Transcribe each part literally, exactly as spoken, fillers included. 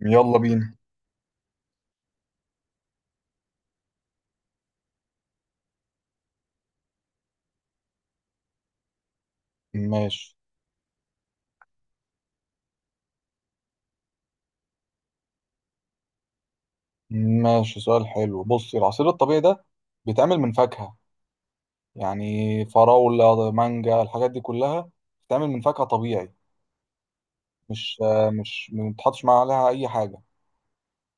يلا بينا. ماشي. ماشي، سؤال حلو. بص، العصير الطبيعي ده بيتعمل من فاكهة، يعني فراولة، مانجا، الحاجات دي كلها بتتعمل من فاكهة طبيعي. مش آه، مش ما بتحطش معاها عليها أي حاجة.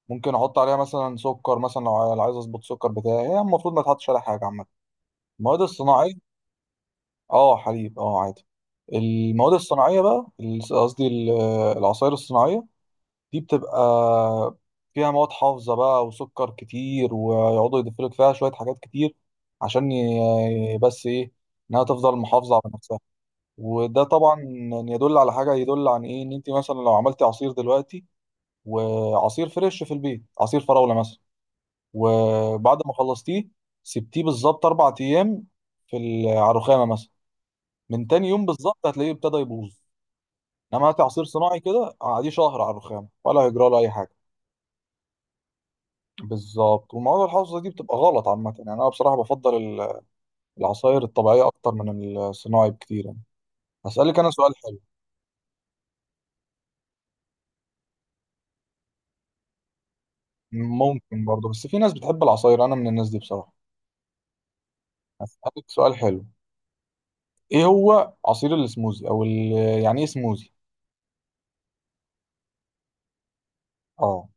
ممكن أحط عليها مثلا سكر، مثلا لو عايز لو عايز أظبط السكر بتاعي، هي المفروض ما تحطش عليها حاجة عامة. المواد الصناعية. أه، حليب، أه عادي. المواد الصناعية بقى ال- قصدي ال- العصائر الصناعية دي بتبقى فيها مواد حافظة بقى وسكر كتير، ويقعدوا يضيفوا لك فيها شوية حاجات كتير، عشان ي- بس إيه، إنها تفضل محافظة على نفسها. وده طبعا يدل على حاجة، يدل عن إيه، إن أنت مثلا لو عملتي عصير دلوقتي، وعصير فريش في البيت، عصير فراولة مثلا، وبعد ما خلصتيه، سبتيه بالظبط أربع أيام في ال- على الرخامة مثلا، من تاني يوم بالظبط هتلاقيه ابتدى يبوظ. إنما هاتي عصير صناعي كده، قعديه شهر على الرخامة، ولا هيجرى له أي حاجة. بالظبط، والمواد الحافظة دي بتبقى غلط عامة، يعني أنا بصراحة بفضل ال- العصاير الطبيعية أكتر من الصناعي بكتير يعني. هسألك أنا سؤال حلو. ممكن برضه، بس في ناس بتحب العصاير، أنا من الناس دي بصراحة. هسألك سؤال حلو، إيه هو عصير السموزي؟ أو ال- يعني إيه سموزي؟ أه.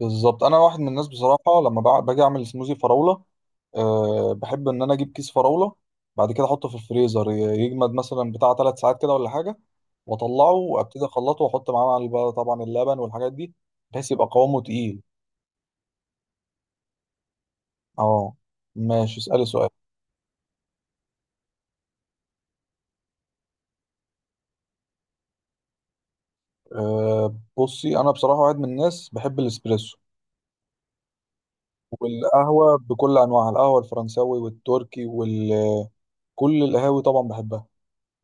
بالظبط، انا واحد من الناس بصراحه، لما بع- باجي اعمل سموزي فراوله، أه بحب ان انا اجيب كيس فراوله، بعد كده احطه في الفريزر، ي- يجمد مثلا بتاع ثلاث ساعات كده ولا حاجه، واطلعه وابتدي اخلطه، واحط معاه مع- بقى طبعا اللبن والحاجات دي، بحيث يبقى قوامه تقيل. اه. ماشي، اسالي سؤال. أه، بصي، انا بصراحه واحد من الناس بحب الاسبريسو، والقهوه بكل انواعها، القهوه الفرنساوي والتركي، وكل القهاوي طبعا بحبها.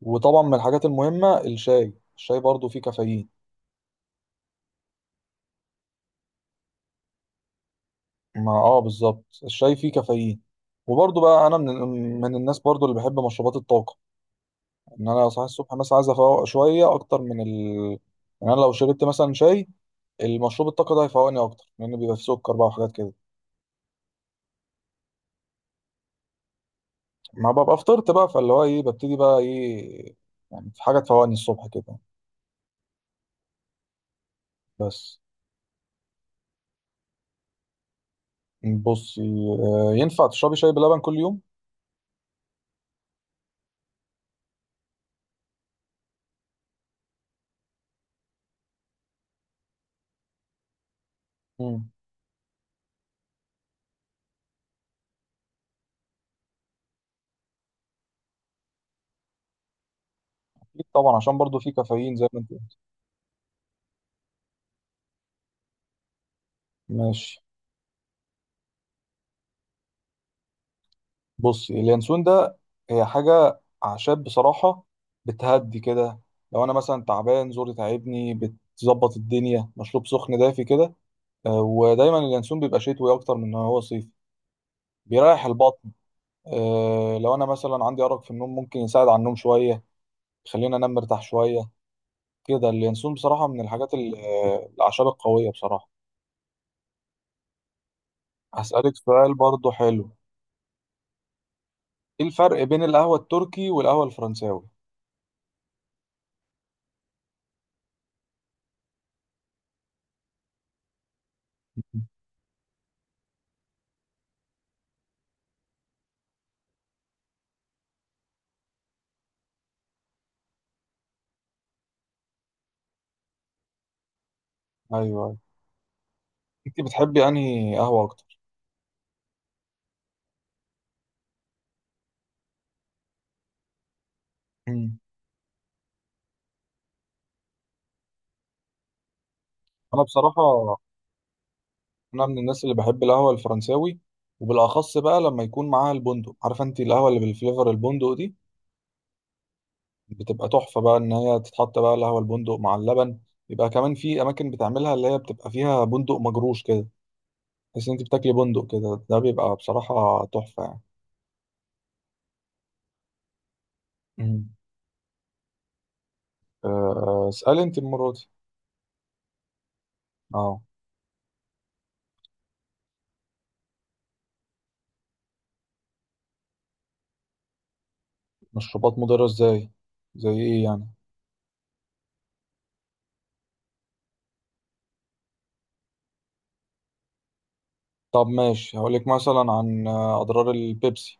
وطبعا من الحاجات المهمه الشاي الشاي برضو فيه كافيين. ما اه بالظبط، الشاي فيه كافيين. وبرضه بقى انا من من الناس برضه اللي بحب مشروبات الطاقه، ان انا لو صحيت الصبح مثلا عايز افوق شويه اكتر من ال يعني انا لو شربت مثلا شاي، المشروب الطاقه ده هيفوقني اكتر، لان بيبقى فيه سكر بقى وحاجات كده، ما ببقى فطرت بقى، فاللي هو ايه، ببتدي بقى ايه، يعني في حاجه تفوقني الصبح كده. بس. بصي، آه، ينفع تشربي شاي بلبن كل يوم؟ مم. اكيد طبعا، عشان برضه فيه كافيين زي ما انت قلت. ماشي. بص، اليانسون ده هي حاجة أعشاب بصراحة، بتهدي كده. لو أنا مثلا تعبان زوري تعبني بتظبط الدنيا، مشروب سخن دافي كده. آه، ودايما اليانسون بيبقى شتوي أكتر من إن هو صيفي، بيريح البطن. آه، لو أنا مثلا عندي أرق في النوم ممكن يساعد على النوم شوية، يخليني أنام مرتاح شوية. كده اليانسون بصراحة من الحاجات ال- آه، الأعشاب القوية بصراحة. هسألك سؤال برضو حلو، إيه الفرق بين القهوة التركي والقهوة الفرنساوي؟ أيوه، أيوه. أنت بتحبي أنهي قهوة أكتر؟ مم. انا بصراحه انا من الناس اللي بحب القهوه الفرنساوي، وبالاخص بقى لما يكون معاها البندق، عارفه انت القهوه اللي بالفليفر البندق دي، بتبقى تحفه بقى ان هي تتحط بقى القهوه البندق مع اللبن، يبقى كمان في اماكن بتعملها اللي هي بتبقى فيها بندق مجروش كده، تحس ان انت بتاكلي بندق كده، ده بيبقى بصراحه تحفه يعني. مم. أه، اسالي انت المره دي. اه. مشروبات مضره ازاي؟ زي ايه يعني؟ طب ماشي، هقولك مثلا عن آه، اضرار البيبسي.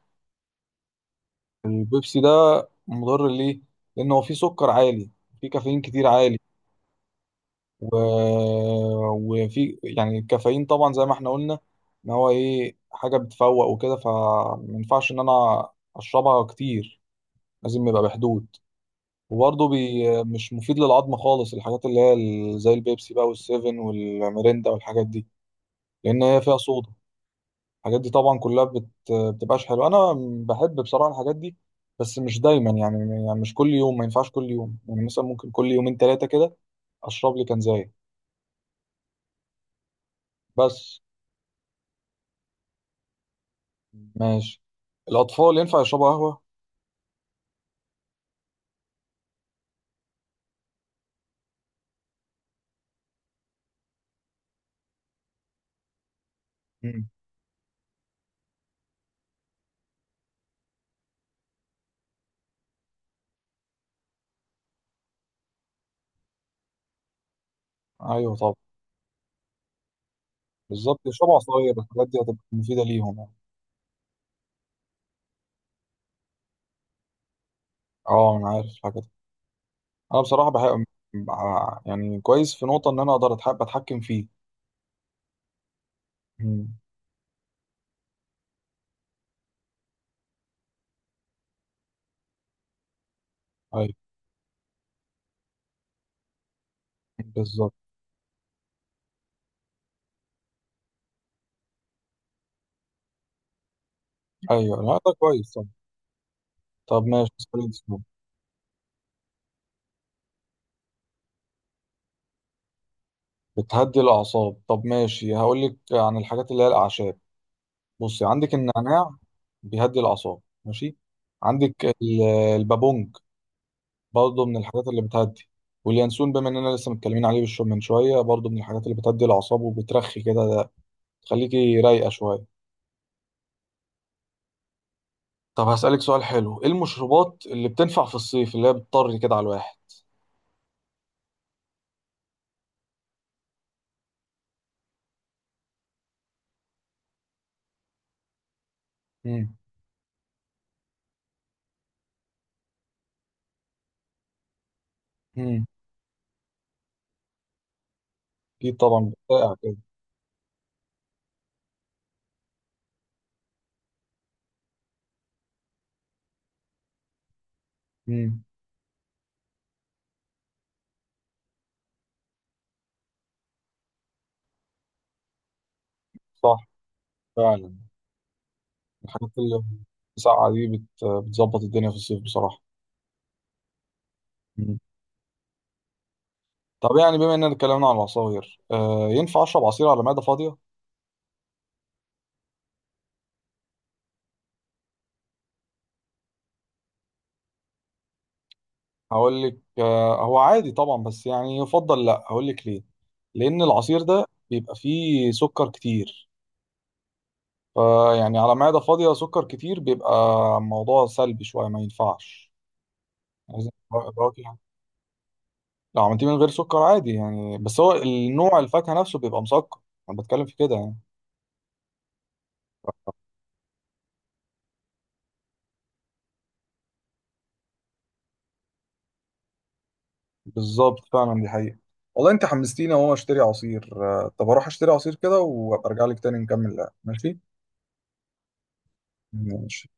البيبسي ده مضر ليه؟ لأن هو فيه سكر عالي، فيه كافيين كتير عالي، و... وفي يعني الكافيين طبعا زي ما احنا قلنا إن هو إيه، حاجة بتفوق وكده، فمينفعش إن أنا أشربها كتير، لازم يبقى بحدود، وبرضه بي... مش مفيد للعظم خالص، الحاجات اللي هي ال- زي البيبسي بقى والسيفن والميريندا والحاجات دي، لأن هي فيها صودا. الحاجات دي طبعا كلها بت... بتبقاش حلوه. انا بحب بصراحه الحاجات دي، بس مش دايما يعني، يعني مش كل يوم، ما ينفعش كل يوم، يعني مثلا ممكن كل يومين ثلاثه كده اشرب لي كنزايه بس. ماشي. الاطفال ينفع يشربوا قهوه؟ مم. ايوه طبعا. بالظبط، يشربوا عصاير، الحاجات دي هتبقى مفيده ليهم يعني. اه انا عارف الحاجه دي، انا بصراحه بحب، يعني كويس في نقطه ان انا اقدر أتحب اتحكم فيه. مم. ايوه، بالظبط. ايوه، لا ده كويس. طب. طب ماشي. بتهدي الأعصاب؟ طب ماشي، هقول لك عن الحاجات اللي هي الأعشاب. بصي، عندك النعناع، بيهدي الأعصاب، ماشي، عندك ال- البابونج برضه من الحاجات اللي بتهدي، واليانسون بما إننا لسه متكلمين عليه بالشو من شوية برضه من الحاجات اللي بتهدي الأعصاب وبترخي كده، تخليكي رايقة شوية. طب هسألك سؤال حلو، إيه المشروبات اللي بتنفع في الصيف، اللي هي بتطري كده على الواحد؟ امم امم أكيد طبعا بتسقع كده. امم صح، فعلا الحاجات اللي بتسقع دي بت- بتظبط الدنيا في الصيف بصراحة. مم. طب يعني بما اننا اتكلمنا عن العصاير، آه ينفع اشرب عصير على معده فاضيه؟ هقول لك، آه هو عادي طبعا بس يعني يفضل لا، هقول لك ليه، لان العصير ده بيبقى فيه سكر كتير، فيعني على معده فاضيه سكر كتير بيبقى موضوع سلبي شويه، ما ينفعش. لازم فواكه. لو عملتيه من غير سكر عادي يعني، بس هو النوع الفاكهه نفسه بيبقى مسكر، انا بتكلم في كده يعني. بالظبط، فعلا دي حقيقة. والله انت حمستيني اهو اشتري عصير. آه، طب اروح اشتري عصير كده وابقى ارجع لك تاني نكمل لعب، ماشي؟ ماشي.